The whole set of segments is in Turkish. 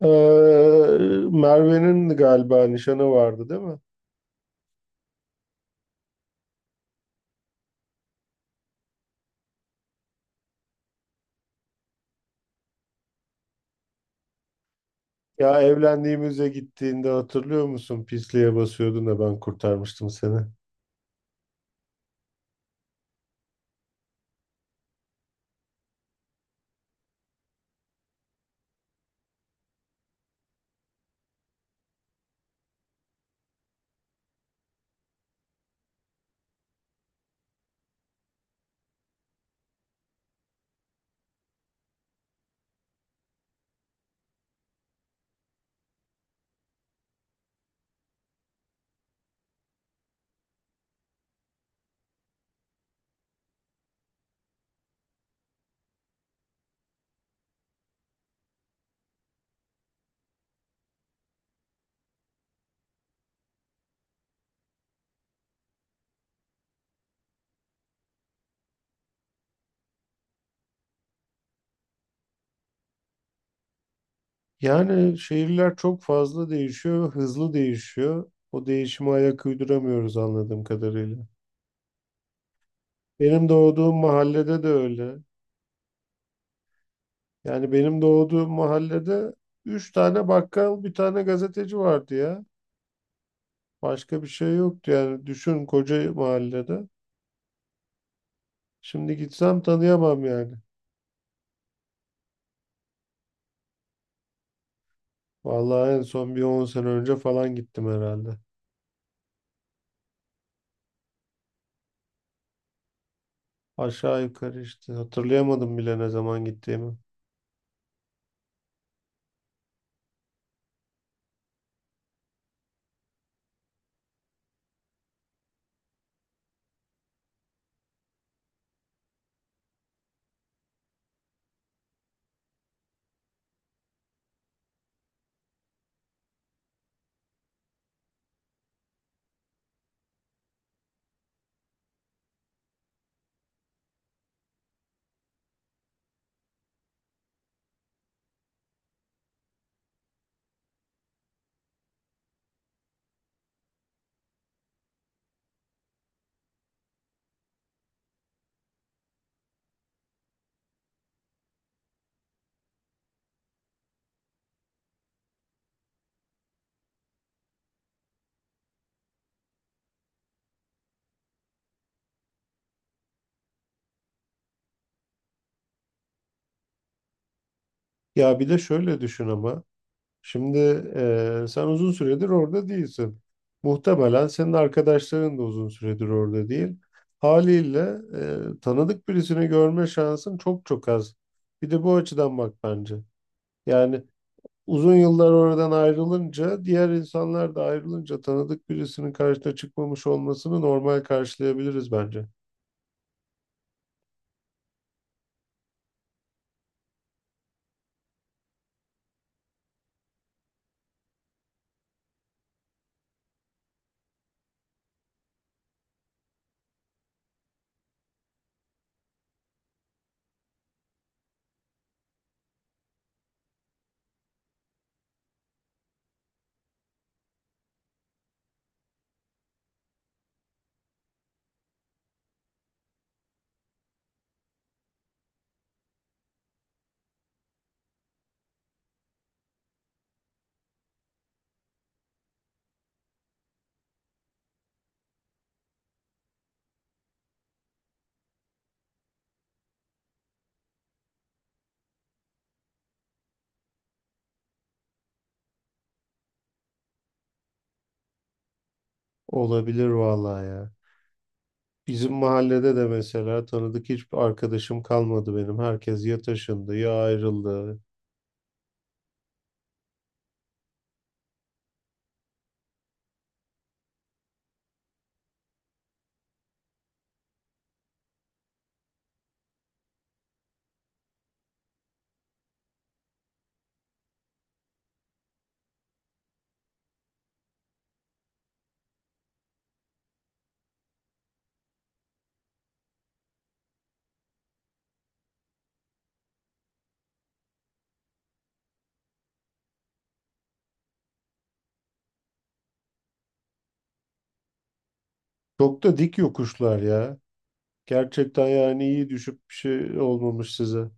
Ee, Merve'nin galiba nişanı vardı değil mi? Ya evlendiğimize gittiğinde hatırlıyor musun? Pisliğe basıyordun da ben kurtarmıştım seni. Yani şehirler çok fazla değişiyor, hızlı değişiyor. O değişime ayak uyduramıyoruz anladığım kadarıyla. Benim doğduğum mahallede de öyle. Yani benim doğduğum mahallede üç tane bakkal, bir tane gazeteci vardı ya. Başka bir şey yoktu yani. Düşün koca mahallede. Şimdi gitsem tanıyamam yani. Vallahi en son bir 10 sene önce falan gittim herhalde. Aşağı yukarı işte hatırlayamadım bile ne zaman gittiğimi. Ya bir de şöyle düşün ama. Şimdi sen uzun süredir orada değilsin. Muhtemelen senin arkadaşların da uzun süredir orada değil. Haliyle tanıdık birisini görme şansın çok çok az. Bir de bu açıdan bak bence. Yani uzun yıllar oradan ayrılınca, diğer insanlar da ayrılınca tanıdık birisinin karşına çıkmamış olmasını normal karşılayabiliriz bence. Olabilir vallahi ya. Bizim mahallede de mesela tanıdık hiçbir arkadaşım kalmadı benim. Herkes ya taşındı ya ayrıldı. Çok da dik yokuşlar ya. Gerçekten yani iyi düşüp bir şey olmamış size.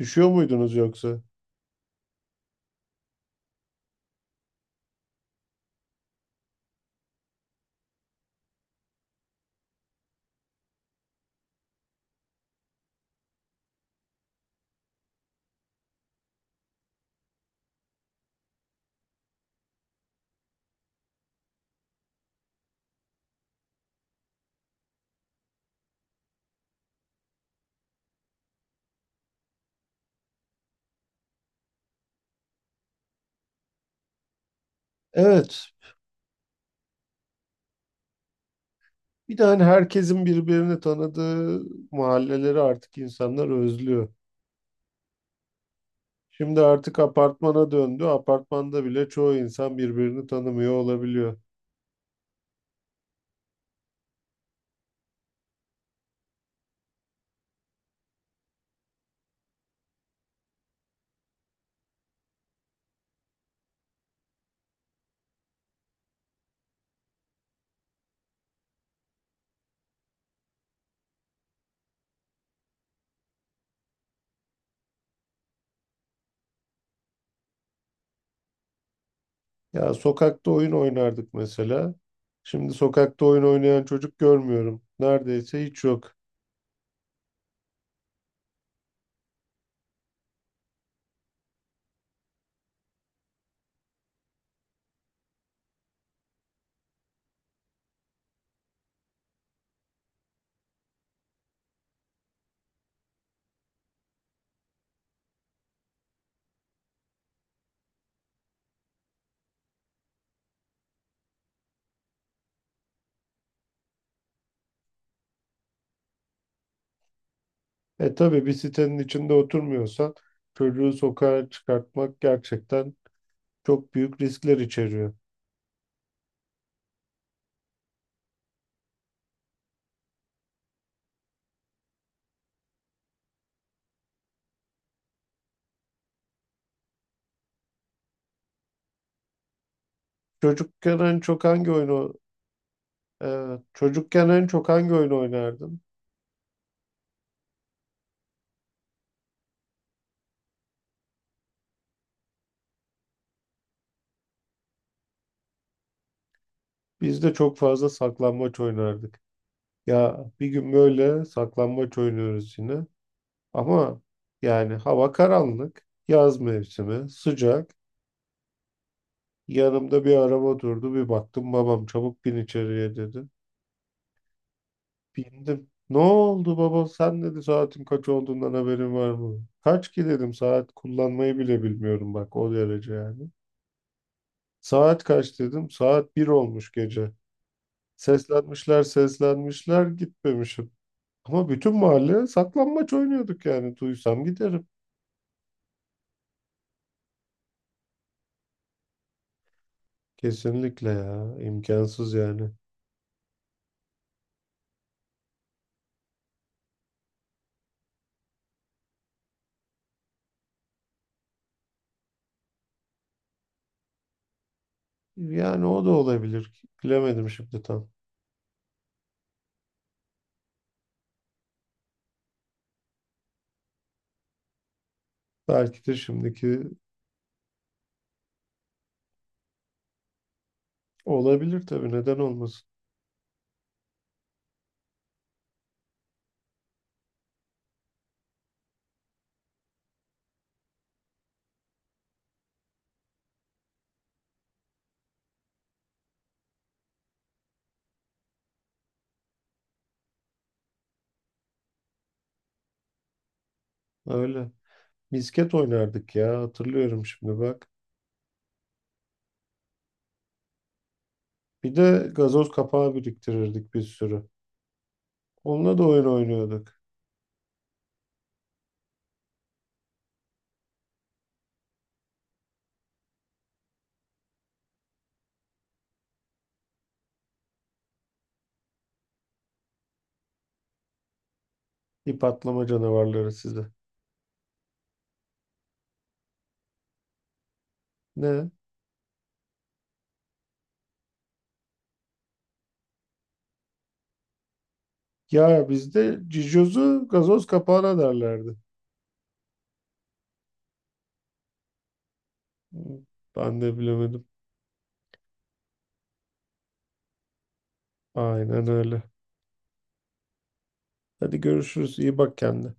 Düşüyor muydunuz yoksa? Evet. Bir de hani herkesin birbirini tanıdığı mahalleleri artık insanlar özlüyor. Şimdi artık apartmana döndü. Apartmanda bile çoğu insan birbirini tanımıyor olabiliyor. Ya sokakta oyun oynardık mesela. Şimdi sokakta oyun oynayan çocuk görmüyorum. Neredeyse hiç yok. E tabii bir sitenin içinde oturmuyorsan çocuğu sokağa çıkartmak gerçekten çok büyük riskler içeriyor. Çocukken en çok hangi oyunu e, çocukken en çok hangi oyun oynardın? Biz de çok fazla saklambaç oynardık. Ya bir gün böyle saklambaç oynuyoruz yine. Ama yani hava karanlık, yaz mevsimi, sıcak. Yanımda bir araba durdu. Bir baktım babam çabuk bin içeriye dedi. Bindim. Ne oldu baba? Sen dedi saatin kaç olduğundan haberin var mı? Kaç ki dedim saat kullanmayı bile bilmiyorum bak o derece yani. Saat kaç dedim. Saat bir olmuş gece. Seslenmişler seslenmişler gitmemişim. Ama bütün mahalle saklambaç oynuyorduk yani. Duysam giderim. Kesinlikle ya. İmkansız yani. Yani o da olabilir. Bilemedim şimdi tam. Belki de şimdiki Olabilir tabii neden olmasın. Öyle. Misket oynardık ya hatırlıyorum şimdi bak. Bir de gazoz kapağı biriktirirdik bir sürü. Onunla da oyun oynuyorduk. İp atlama canavarları size. Ne? Ya bizde cicozu gazoz kapağına derlerdi. Ben de bilemedim. Aynen öyle. Hadi görüşürüz. İyi bak kendine.